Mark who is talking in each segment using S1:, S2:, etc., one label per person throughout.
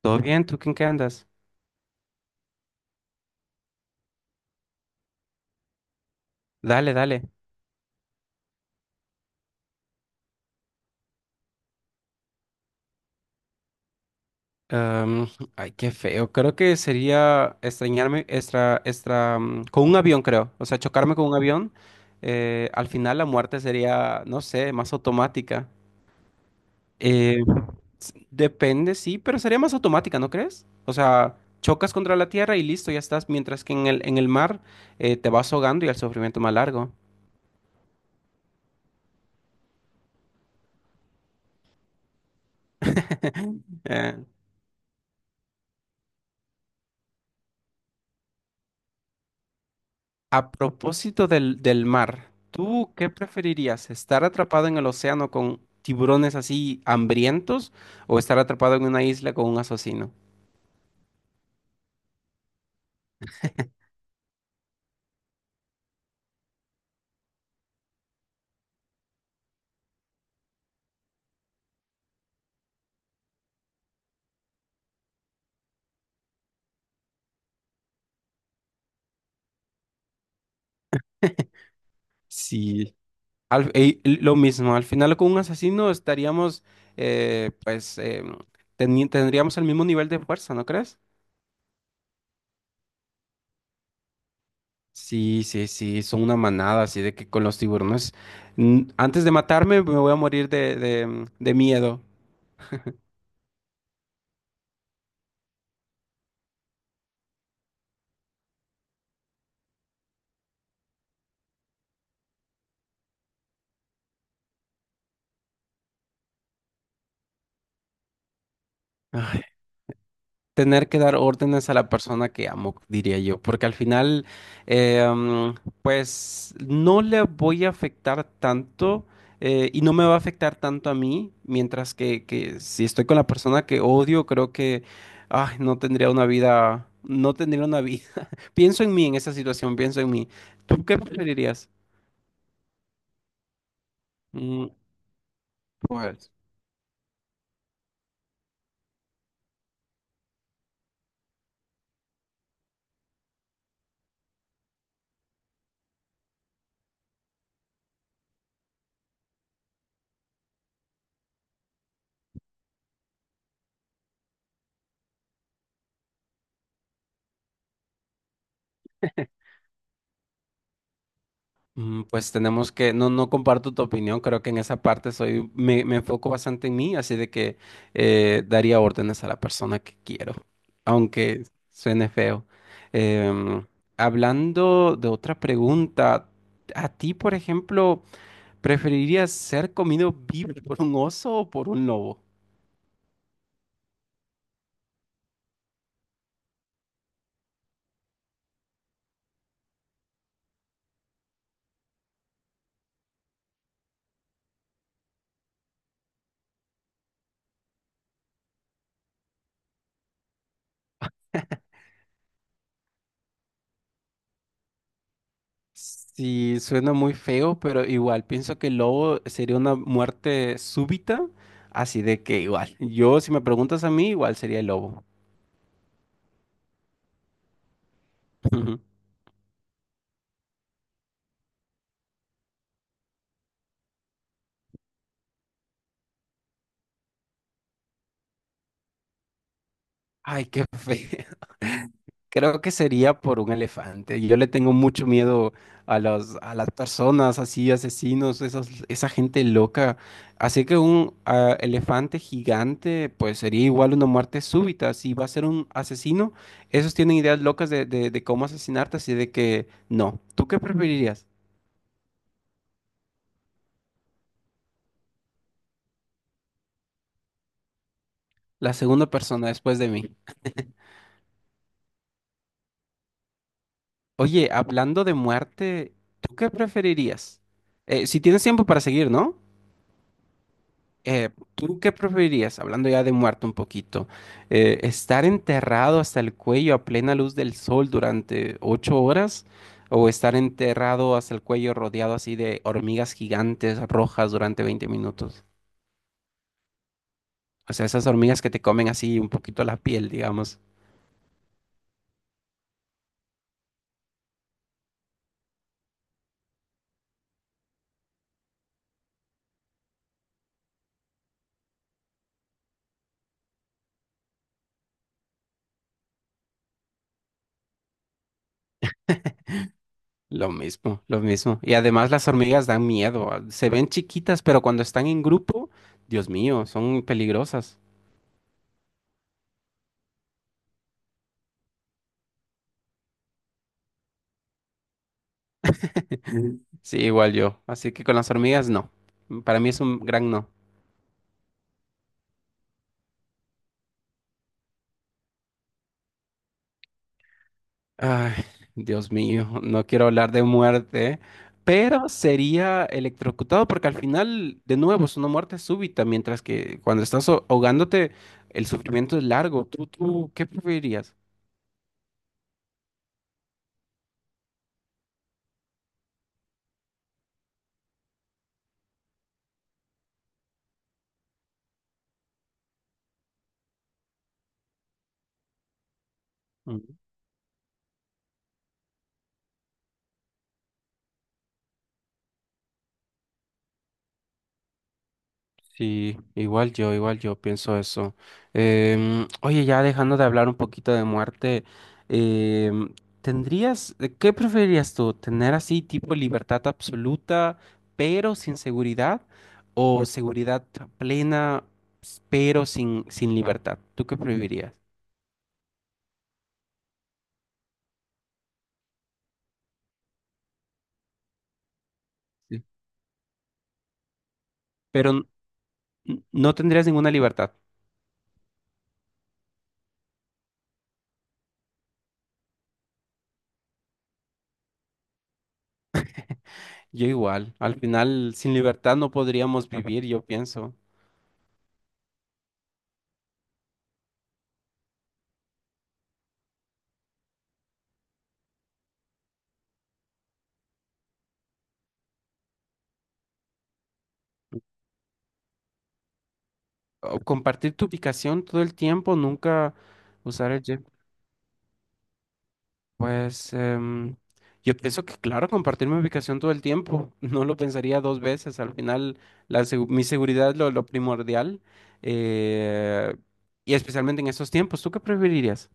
S1: Todo bien, ¿tú en qué andas? Dale, dale. Am, ay, qué feo. Creo que sería extrañarme extra, extra, con un avión, creo. O sea, chocarme con un avión. Al final la muerte sería, no sé, más automática. Eh, Depende, sí, pero sería más automática, ¿no crees? O sea, chocas contra la tierra y listo, ya estás. Mientras que en el mar te vas ahogando y el sufrimiento es más largo. A propósito del mar, ¿tú qué preferirías? ¿Estar atrapado en el océano con tiburones así hambrientos o estar atrapado en una isla con un asesino? Sí, lo mismo, al final con un asesino estaríamos, eh, pues, em, tendríamos el mismo nivel de fuerza, ¿no crees? Sí, sí, sí, son una manada, así de que con los tiburones, antes de matarme me voy a morir de miedo. Tener que dar órdenes a la persona que amo, diría yo, porque al final, eh, mm, pues no le voy a afectar tanto y no me va a afectar tanto a mí, mientras que si estoy con la persona que odio, creo que, ay, no tendría una vida, no tendría una vida. Pienso en mí en esa situación, pienso en mí. ¿Tú qué preferirías? Mm, pues. Mm, pues tenemos que, no, no comparto tu opinión, creo que en esa parte soy, me enfoco bastante en mí, así de que daría órdenes a la persona que quiero, aunque suene feo. Em, Hablando de otra pregunta, ¿a ti, por ejemplo, preferirías ser comido vivo por un oso o por un lobo? Sí, suena muy feo, pero igual pienso que el lobo sería una muerte súbita, así de que igual, yo si me preguntas a mí, igual sería el lobo. Ujú. Ay, qué feo. Creo que sería por un elefante. Yo le tengo mucho miedo a a las personas así, asesinos, esa gente loca. Así que un elefante gigante, pues sería igual una muerte súbita. Si va a ser un asesino, esos tienen ideas locas de cómo asesinarte, así de que no. ¿Tú qué preferirías? La segunda persona después de mí. Oye, hablando de muerte, ¿tú qué preferirías? Si tienes tiempo para seguir, ¿no? ¿Tú qué preferirías, hablando ya de muerto un poquito, estar enterrado hasta el cuello a plena luz del sol durante 8 horas o estar enterrado hasta el cuello rodeado así de hormigas gigantes rojas durante 20 minutos? O sea, esas hormigas que te comen así un poquito la piel, digamos. Lo mismo, lo mismo. Y además las hormigas dan miedo. Se ven chiquitas, pero cuando están en grupo, Dios mío, son peligrosas. Sí, igual yo. Así que con las hormigas, no. Para mí es un gran no. Ay, Dios mío, no quiero hablar de muerte, pero sería electrocutado porque al final, de nuevo, es una muerte súbita, mientras que cuando estás ahogándote, el sufrimiento es largo. ¿Tú ¿qué preferirías? Sí, igual yo pienso eso. Oye, ya dejando de hablar un poquito de muerte, em, ¿tendrías, qué preferirías tú? ¿Tener así tipo libertad absoluta, pero sin seguridad? ¿O seguridad plena, pero sin, sin libertad? ¿Tú qué preferirías? Sí. Pero no tendrías ninguna libertad. Yo igual, al final sin libertad no podríamos vivir, yo pienso. O compartir tu ubicación todo el tiempo, nunca usar el. Pues yo pienso que, claro, compartir mi ubicación todo el tiempo, no lo pensaría dos veces. Al final, mi seguridad es lo primordial, eh, y especialmente en estos tiempos. ¿Tú qué preferirías?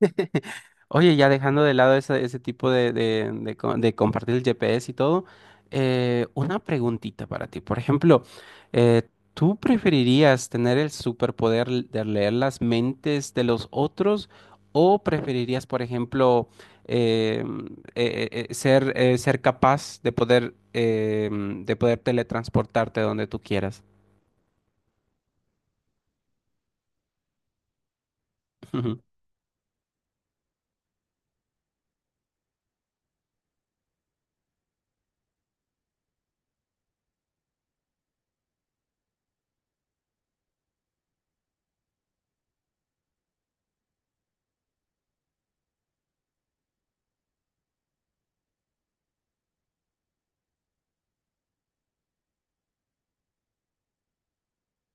S1: Oye, ya dejando de lado ese tipo de compartir el GPS y todo, una preguntita para ti. Por ejemplo, eh, ¿tú preferirías tener el superpoder de leer las mentes de los otros o preferirías, por ejemplo, eh, mm, ser capaz de poder, de poder teletransportarte donde tú quieras? Ujú.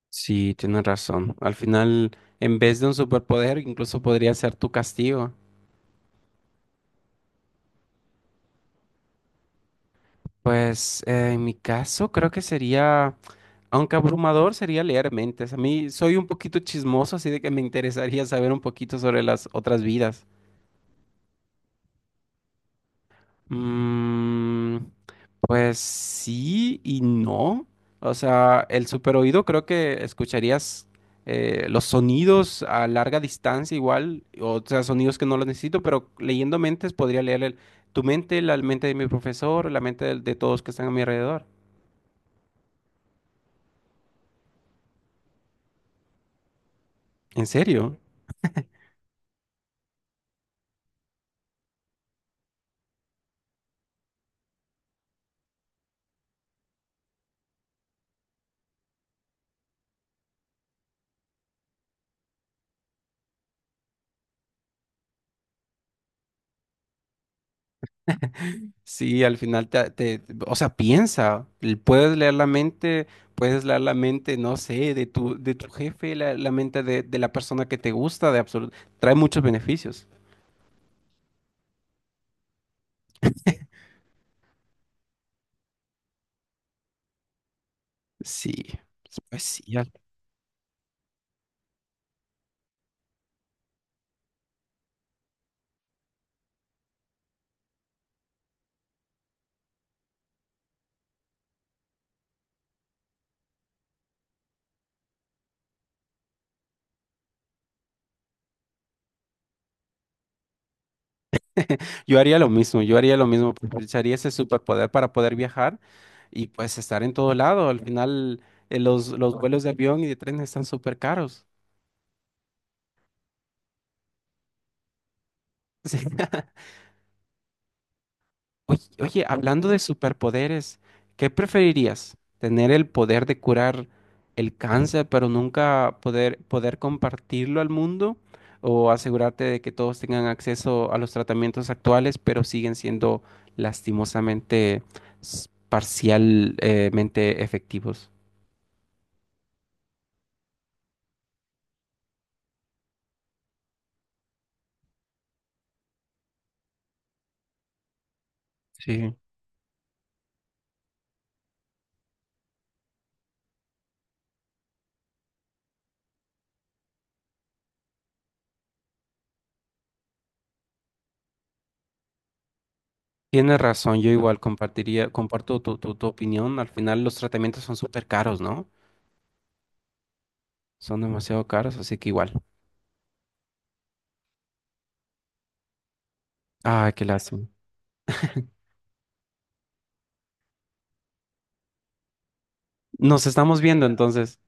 S1: Sí, tienes razón. Al final, en vez de un superpoder, incluso podría ser tu castigo. Pues en mi caso creo que sería, aunque abrumador, sería leer mentes. A mí soy un poquito chismoso, así de que me interesaría saber un poquito sobre las otras vidas. Mm, pues sí y no. O sea, el superoído creo que escucharías los sonidos a larga distancia igual, o sea, sonidos que no los necesito, pero leyendo mentes podría leer tu mente, la mente de mi profesor, la mente de todos que están a mi alrededor. ¿En serio? Sí, al final o sea, piensa, puedes leer la mente, puedes leer la mente, no sé, de tu jefe, la mente de la persona que te gusta, de absoluto, trae muchos beneficios. Sí, pues sí, yo haría lo mismo, yo haría lo mismo, aprovecharía ese superpoder para poder viajar y pues estar en todo lado. Al final, los vuelos de avión y de tren están súper caros. Sí. Oye, oye, hablando de superpoderes, ¿qué preferirías? ¿Tener el poder de curar el cáncer, pero nunca poder, poder compartirlo al mundo? ¿O asegurarte de que todos tengan acceso a los tratamientos actuales, pero siguen siendo lastimosamente parcialmente efectivos? Sí. Tienes razón, yo igual compartiría, comparto tu, tu, tu opinión. Al final los tratamientos son súper caros, ¿no? Son demasiado caros, así que igual. Ah, qué lástima. Nos estamos viendo entonces.